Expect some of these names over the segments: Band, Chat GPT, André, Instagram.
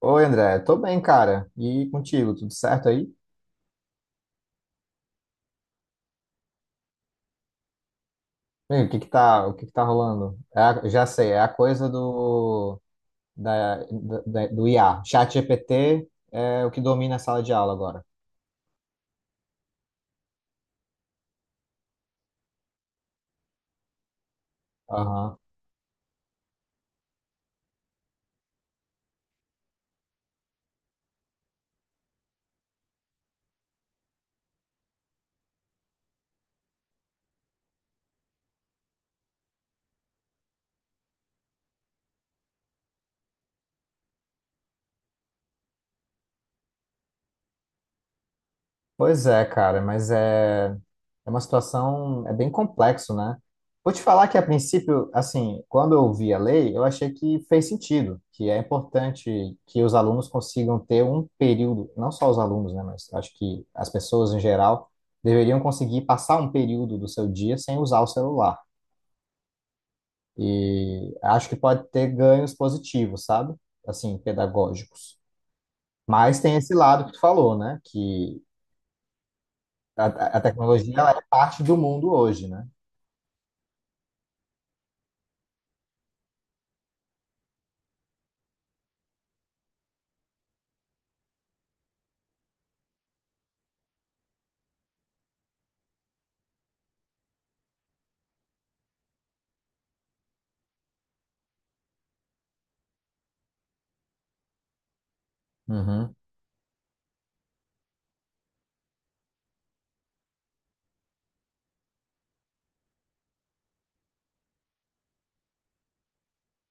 Oi, André, tô bem, cara. E contigo, tudo certo aí? Bem, o que que tá rolando? Já sei, é a coisa do do IA. Chat GPT é o que domina a sala de aula agora. Aham. Pois é, cara, mas é uma situação, é bem complexo, né? Vou te falar que, a princípio, assim, quando eu vi a lei, eu achei que fez sentido, que é importante que os alunos consigam ter um período, não só os alunos, né, mas acho que as pessoas em geral deveriam conseguir passar um período do seu dia sem usar o celular. E acho que pode ter ganhos positivos, sabe? Assim, pedagógicos. Mas tem esse lado que tu falou, né? Que a tecnologia ela é parte do mundo hoje, né? Uhum,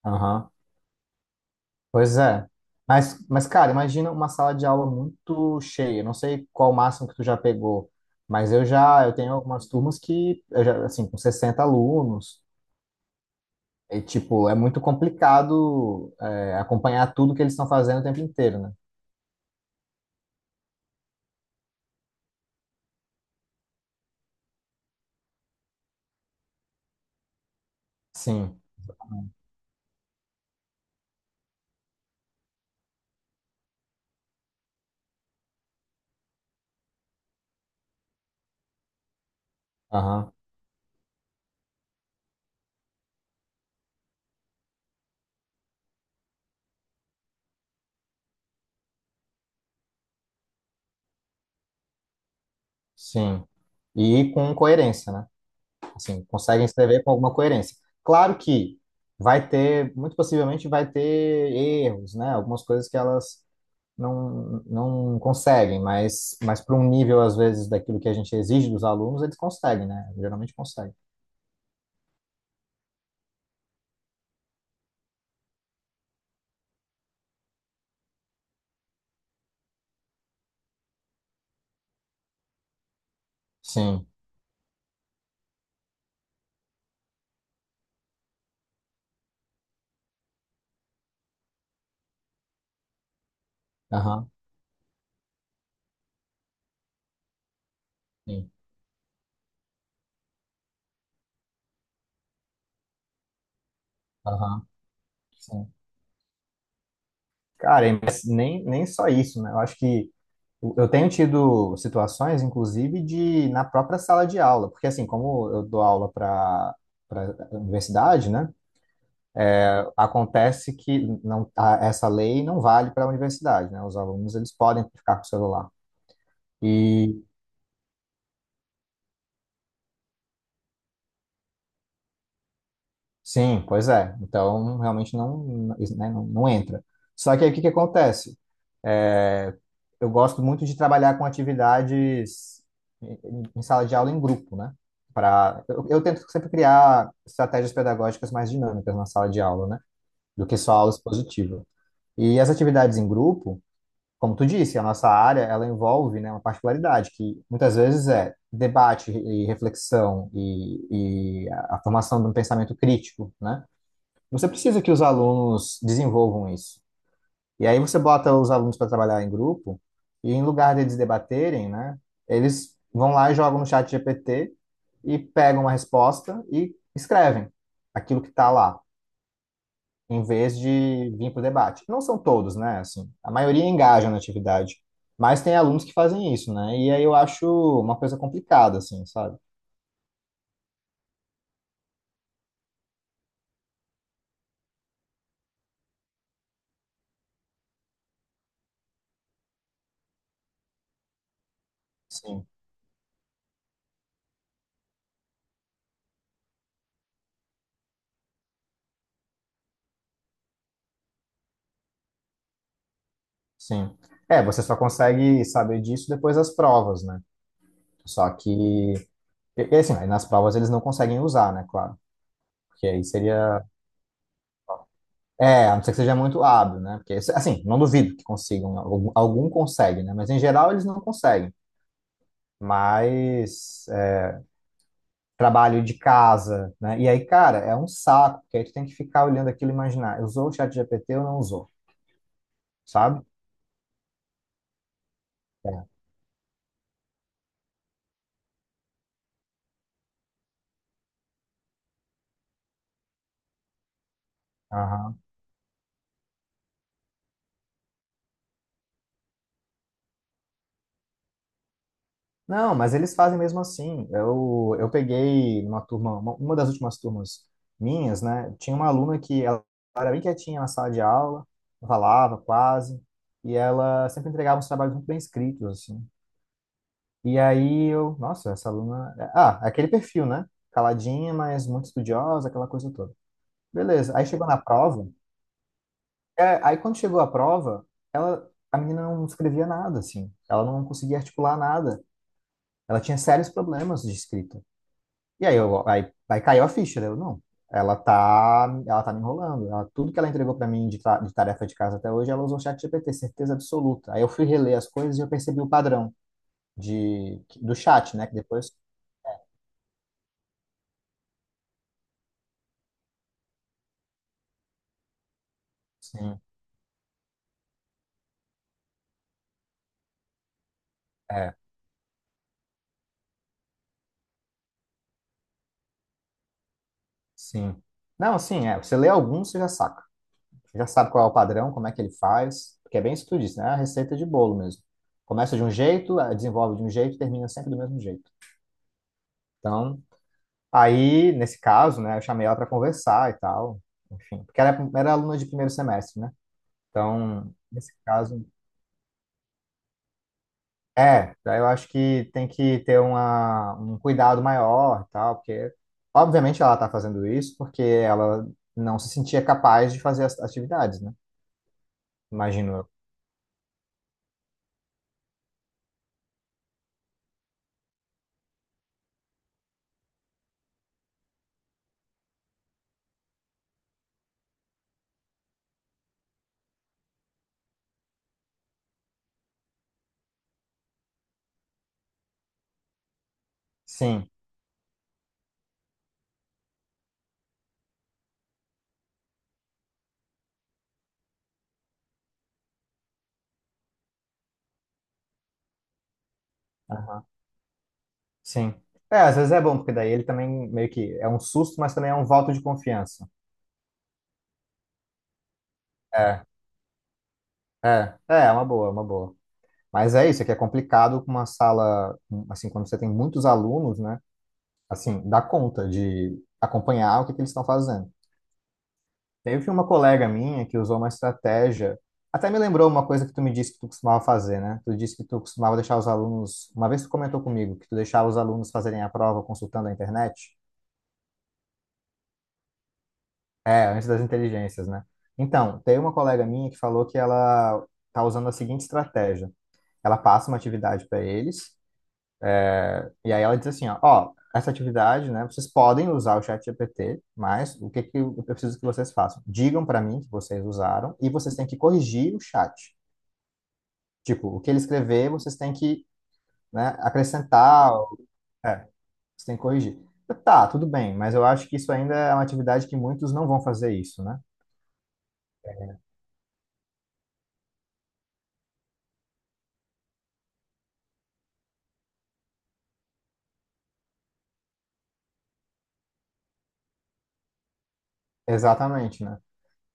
aham. Pois é. Mas, cara, imagina uma sala de aula muito cheia. Não sei qual o máximo que tu já pegou, mas eu tenho algumas turmas que, eu já, assim, com 60 alunos, e, tipo, é muito complicado, acompanhar tudo que eles estão fazendo o tempo inteiro, né? Sim, aham, sim. E com coerência, né? Assim, conseguem escrever com alguma coerência. Claro que vai ter, muito possivelmente vai ter erros, né? Algumas coisas que elas não conseguem, mas, para um nível, às vezes, daquilo que a gente exige dos alunos, eles conseguem, né? Geralmente conseguem. Sim, aham, sim, aham, sim. Cara, mas nem só isso, né? Eu acho que eu tenho tido situações, inclusive, de na própria sala de aula, porque assim, como eu dou aula para universidade, né? Acontece que não, essa lei não vale para a universidade, né? Os alunos eles podem ficar com o celular. E sim, pois é. Então realmente não, isso, né, não entra. Só que aí o que que acontece? É, eu gosto muito de trabalhar com atividades em em sala de aula em grupo, né? Eu tento sempre criar estratégias pedagógicas mais dinâmicas na sala de aula, né? Do que só aula expositiva. E as atividades em grupo como tu disse, a nossa área, ela envolve, né, uma particularidade que muitas vezes é debate e reflexão e a formação de um pensamento crítico, né? Você precisa que os alunos desenvolvam isso. E aí você bota os alunos para trabalhar em grupo e em lugar deles debaterem, né, eles vão lá e jogam no chat GPT e pegam uma resposta e escrevem aquilo que está lá em vez de vir para o debate. Não são todos, né? Assim, a maioria engaja na atividade, mas tem alunos que fazem isso, né? E aí eu acho uma coisa complicada, assim, sabe? Sim, sim. É, você só consegue saber disso depois das provas, né? Só que, e, assim, aí nas provas eles não conseguem usar, né? Claro. Porque aí seria. É, a não ser que seja muito hábil, né? Porque, assim, não duvido que consigam. Algum consegue, né? Mas em geral eles não conseguem. Mas. Trabalho de casa, né? E aí, cara, é um saco, porque aí tu tem que ficar olhando aquilo e imaginar, usou o chat GPT ou não usou, sabe? É, aham. Não, mas eles fazem mesmo assim. Eu peguei numa turma, uma das últimas turmas minhas, né? Tinha uma aluna que ela era bem quietinha na sala de aula, não falava quase, e ela sempre entregava uns trabalhos muito bem escritos, assim. E aí eu, nossa, essa aluna. Ah, aquele perfil, né? Caladinha, mas muito estudiosa, aquela coisa toda. Beleza. Aí chegou na prova, é, aí quando chegou a prova, ela, a menina não escrevia nada, assim. Ela não conseguia articular nada. Ela tinha sérios problemas de escrita. E aí, aí caiu a ficha, né? Eu, não. Ela tá me enrolando. Ela, tudo que ela entregou para mim de tarefa de casa até hoje, ela usou o chat GPT, certeza absoluta. Aí eu fui reler as coisas e eu percebi o padrão de, do chat, né? Que depois... Sim, é, sim. Não, sim, é. Você lê alguns, você já saca. Já sabe qual é o padrão, como é que ele faz, porque é bem isso que tu disse, né? É a receita de bolo mesmo. Começa de um jeito, desenvolve de um jeito, termina sempre do mesmo jeito. Então, aí, nesse caso, né, eu chamei ela para conversar e tal, enfim, porque ela era aluna de primeiro semestre, né? Então, nesse caso, é, daí eu acho que tem que ter uma, um cuidado maior e tal, porque, obviamente, ela tá fazendo isso porque ela não se sentia capaz de fazer as atividades, né? Imagino eu. Sim. Sim. É, às vezes é bom, porque daí ele também meio que é um susto, mas também é um voto de confiança. É, é, é uma boa, é uma boa. Mas é isso, é que é complicado com uma sala, assim, quando você tem muitos alunos, né? Assim, dá conta de acompanhar o que que eles estão fazendo. Teve uma colega minha que usou uma estratégia, até me lembrou uma coisa que tu me disse que tu costumava fazer, né? Tu disse que tu costumava deixar os alunos, uma vez tu comentou comigo que tu deixava os alunos fazerem a prova consultando a internet. É, antes das inteligências, né? Então, tem uma colega minha que falou que ela tá usando a seguinte estratégia. Ela passa uma atividade para eles, e aí ela diz assim, ó, ó, essa atividade, né, vocês podem usar o chat GPT, mas o que que eu preciso que vocês façam? Digam para mim que vocês usaram e vocês têm que corrigir o chat. Tipo, o que ele escrever, vocês têm que, né, acrescentar, é, vocês têm que corrigir. Tá, tudo bem, mas eu acho que isso ainda é uma atividade que muitos não vão fazer isso, né? Exatamente, né?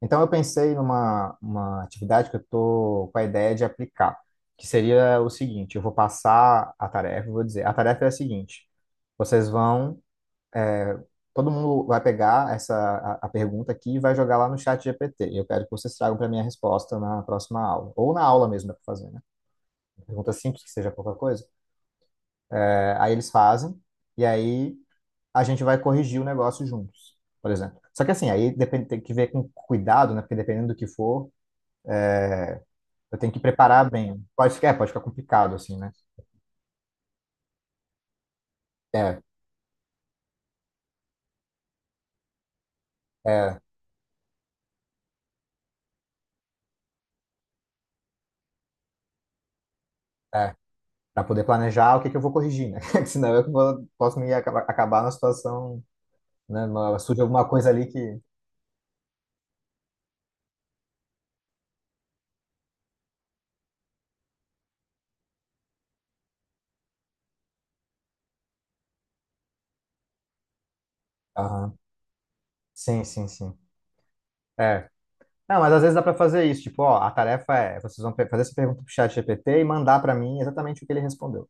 Então, eu pensei numa uma atividade que eu estou com a ideia de aplicar, que seria o seguinte: eu vou passar a tarefa, eu vou dizer, a tarefa é a seguinte: vocês vão, todo mundo vai pegar essa a pergunta aqui e vai jogar lá no chat GPT. Eu quero que vocês tragam para mim a resposta na próxima aula, ou na aula mesmo dá para fazer, né? Pergunta simples que seja pouca coisa. É, aí eles fazem e aí a gente vai corrigir o negócio juntos, por exemplo. Só que assim, aí depende, tem que ver com cuidado, né? Porque dependendo do que for, eu tenho que preparar bem. Pode ficar, é, pode ficar complicado, assim, né? É, é, Para poder planejar o que que eu vou corrigir, né? Senão eu posso me acabar na situação, né? Surge alguma coisa ali que. Aham. Sim, sim, sim. É. Não, mas às vezes dá para fazer isso. Tipo, ó, a tarefa é, vocês vão fazer essa pergunta pro chat GPT e mandar para mim exatamente o que ele respondeu.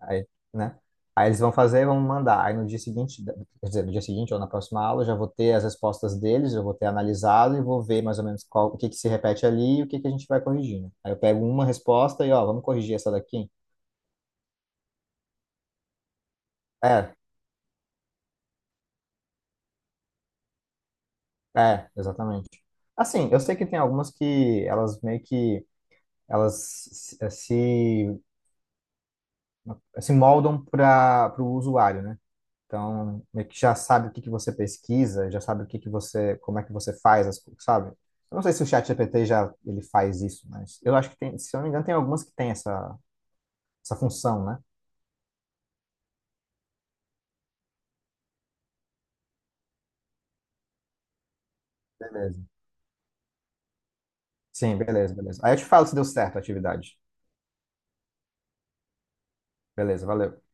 Aí, né? Aí eles vão fazer, vão mandar. Aí no dia seguinte, quer dizer, no dia seguinte ou na próxima aula, eu já vou ter as respostas deles, eu vou ter analisado e vou ver mais ou menos qual, o que que se repete ali e o que que a gente vai corrigindo. Aí eu pego uma resposta e, ó, vamos corrigir essa daqui. É, é, exatamente. Assim, eu sei que tem algumas que elas meio que elas se, se moldam para o usuário, né? Então, meio que já sabe o que que você pesquisa, já sabe o que que você, como é que você faz as coisas, sabe? Eu não sei se o chat GPT já ele faz isso, mas eu acho que tem, se eu não me engano, tem algumas que tem essa função, né? Beleza. Sim, beleza, beleza. Aí eu te falo se deu certo a atividade. Beleza, valeu.